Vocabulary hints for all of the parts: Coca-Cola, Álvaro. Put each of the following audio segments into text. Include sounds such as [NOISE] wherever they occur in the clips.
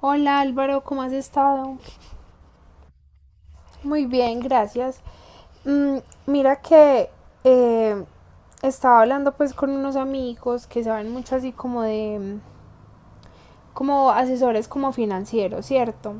Hola Álvaro, ¿cómo has estado? Muy bien, gracias. Mm, Mira que eh, estaba hablando, pues, con unos amigos que saben mucho, así como de, como asesores como financieros, ¿cierto?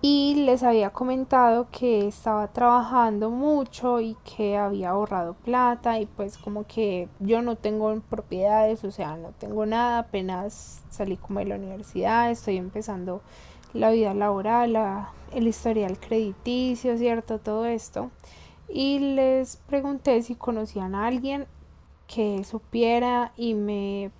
Y les había comentado que estaba trabajando mucho y que había ahorrado plata, y pues como que yo no tengo propiedades, o sea, no tengo nada, apenas salí como de la universidad, estoy empezando la vida laboral, la, el historial crediticio, ¿cierto? Todo esto. Y les pregunté si conocían a alguien que supiera y me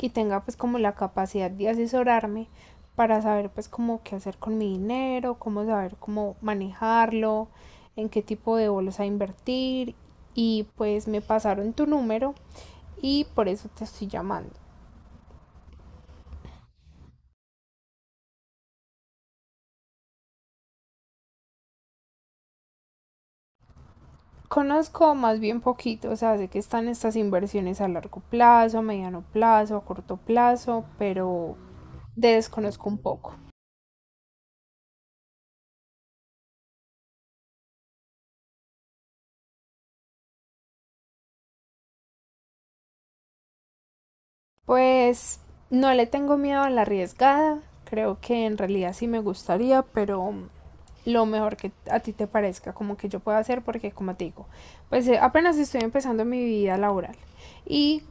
y tenga pues como la capacidad de asesorarme para saber pues como qué hacer con mi dinero, cómo saber cómo manejarlo, en qué tipo de bolsa invertir, y pues me pasaron tu número y por eso te estoy llamando. Conozco más bien poquito, o sea, sé que están estas inversiones a largo plazo, a mediano plazo, a corto plazo, pero desconozco un poco. Pues no le tengo miedo a la arriesgada. Creo que en realidad sí me gustaría, pero lo mejor que a ti te parezca, como que yo pueda hacer, porque como te digo, pues apenas estoy empezando mi vida laboral, y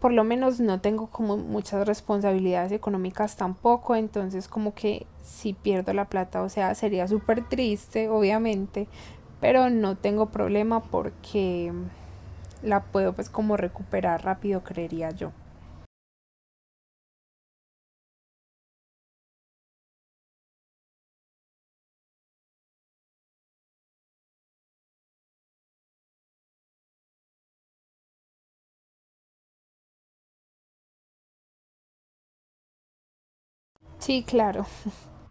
por lo menos no tengo como muchas responsabilidades económicas tampoco, entonces como que si pierdo la plata, o sea, sería súper triste, obviamente, pero no tengo problema porque la puedo pues como recuperar rápido, creería yo. Sí, claro. [LAUGHS]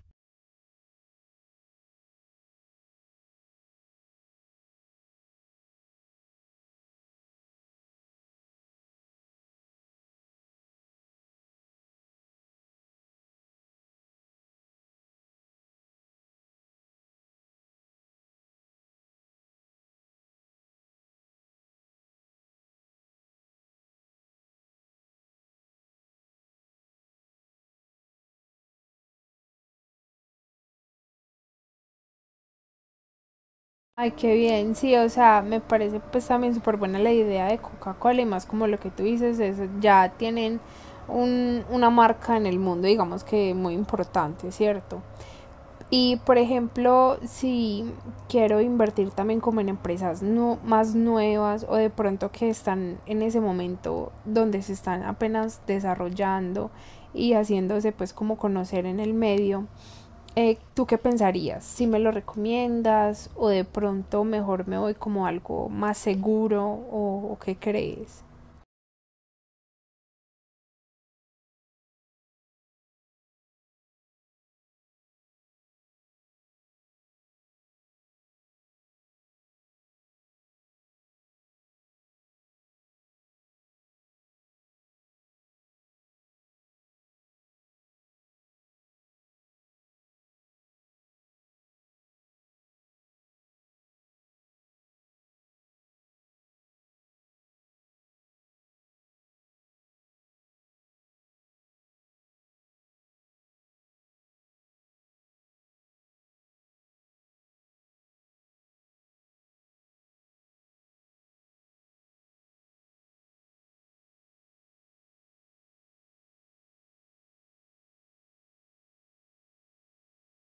Ay, qué bien, sí, o sea, me parece pues también súper buena la idea de Coca-Cola, y más como lo que tú dices, es, ya tienen una marca en el mundo, digamos que muy importante, ¿cierto? Y por ejemplo, si quiero invertir también como en empresas más nuevas o de pronto que están en ese momento donde se están apenas desarrollando y haciéndose pues como conocer en el medio, ¿tú qué pensarías? ¿Si me lo recomiendas o de pronto mejor me voy como algo más seguro o qué crees?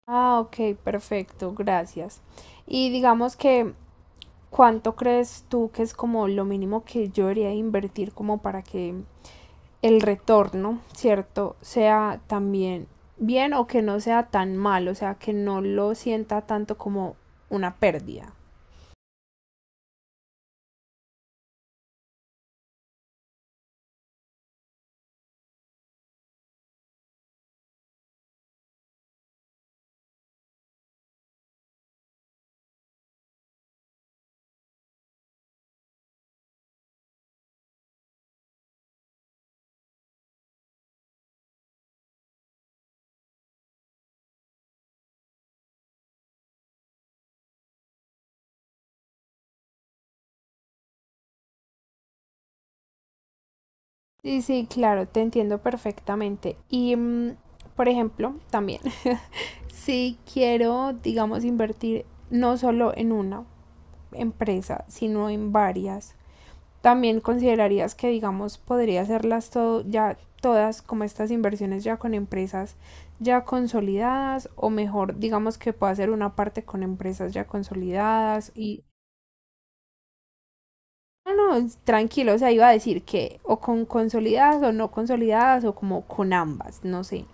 Ah, ok, perfecto, gracias. Y digamos que, ¿cuánto crees tú que es como lo mínimo que yo debería invertir como para que el retorno, ¿cierto? Sea también bien o que no sea tan malo, o sea, que no lo sienta tanto como una pérdida. Sí, sí, claro, te entiendo perfectamente. Y, por ejemplo, también, [LAUGHS] si quiero, digamos, invertir no solo en una empresa, sino en varias, también considerarías que, digamos, podría hacerlas todo, ya todas como estas inversiones ya con empresas ya consolidadas o mejor, digamos que puedo hacer una parte con empresas ya consolidadas y... No, no, tranquilo, o sea, iba a decir que o con consolidadas o no consolidadas o como con ambas, no sé.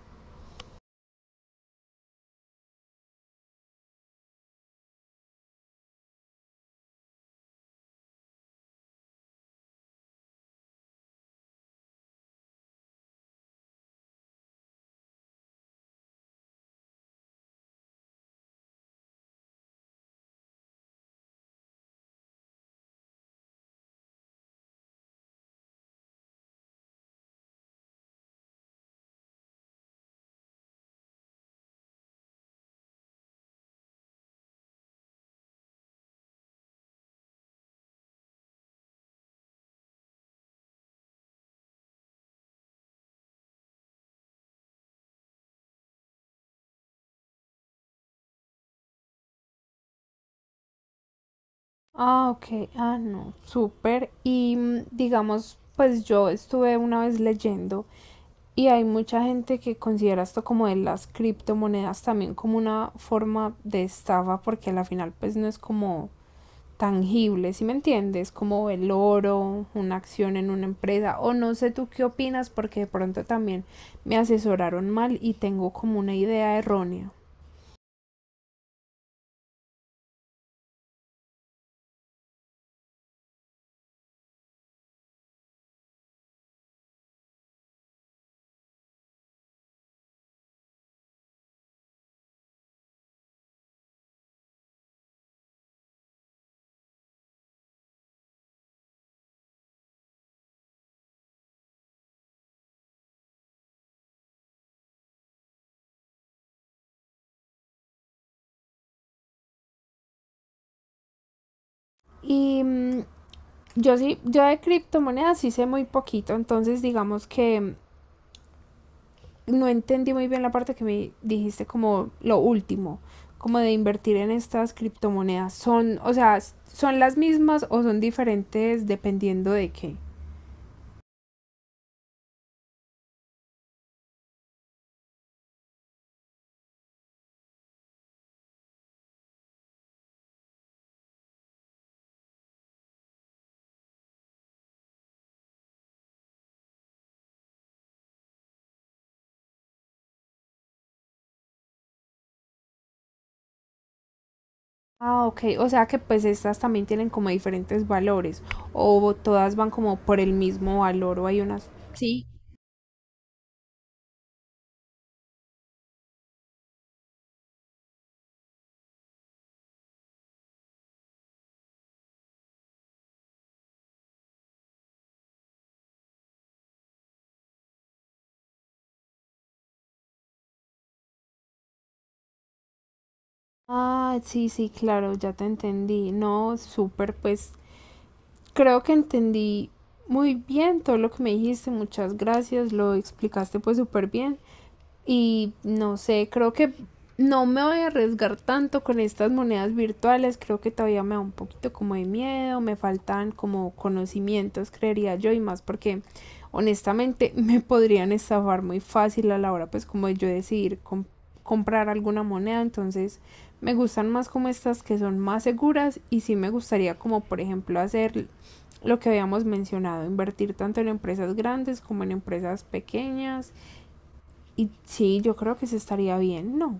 Ah, ok. Ah, no. Súper. Y digamos, pues yo estuve una vez leyendo, y hay mucha gente que considera esto como de las criptomonedas también como una forma de estafa porque al final pues no es como tangible, ¿sí me entiendes? Como el oro, una acción en una empresa, o no sé tú qué opinas porque de pronto también me asesoraron mal y tengo como una idea errónea. Y yo sí, yo de criptomonedas sí sé muy poquito, entonces digamos que no entendí muy bien la parte que me dijiste como lo último, como de invertir en estas criptomonedas. Son, o sea, son las mismas o son diferentes dependiendo de qué. Ah, ok, o sea que pues estas también tienen como diferentes valores o todas van como por el mismo valor o hay unas... Sí. Ah, sí, sí, claro, ya te entendí. No, súper, pues creo que entendí muy bien todo lo que me dijiste, muchas gracias, lo explicaste pues súper bien, y no sé, creo que no me voy a arriesgar tanto con estas monedas virtuales, creo que todavía me da un poquito como de miedo, me faltan como conocimientos, creería yo, y más porque honestamente [LAUGHS] me podrían estafar muy fácil a la hora pues como de yo decidir comprar alguna moneda, entonces me gustan más como estas que son más seguras, y sí me gustaría como por ejemplo hacer lo que habíamos mencionado, invertir tanto en empresas grandes como en empresas pequeñas. Y sí, yo creo que se estaría bien, ¿no?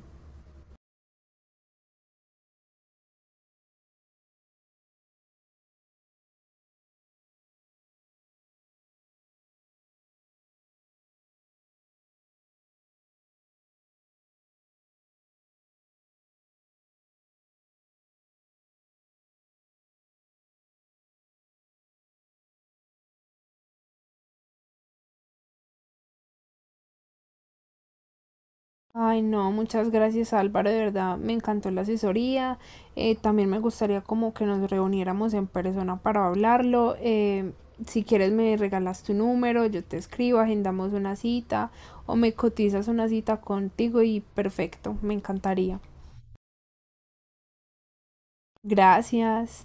Ay, no, muchas gracias, Álvaro, de verdad me encantó la asesoría. También me gustaría como que nos reuniéramos en persona para hablarlo. Si quieres me regalas tu número, yo te escribo, agendamos una cita o me cotizas una cita contigo y perfecto, me encantaría. Gracias.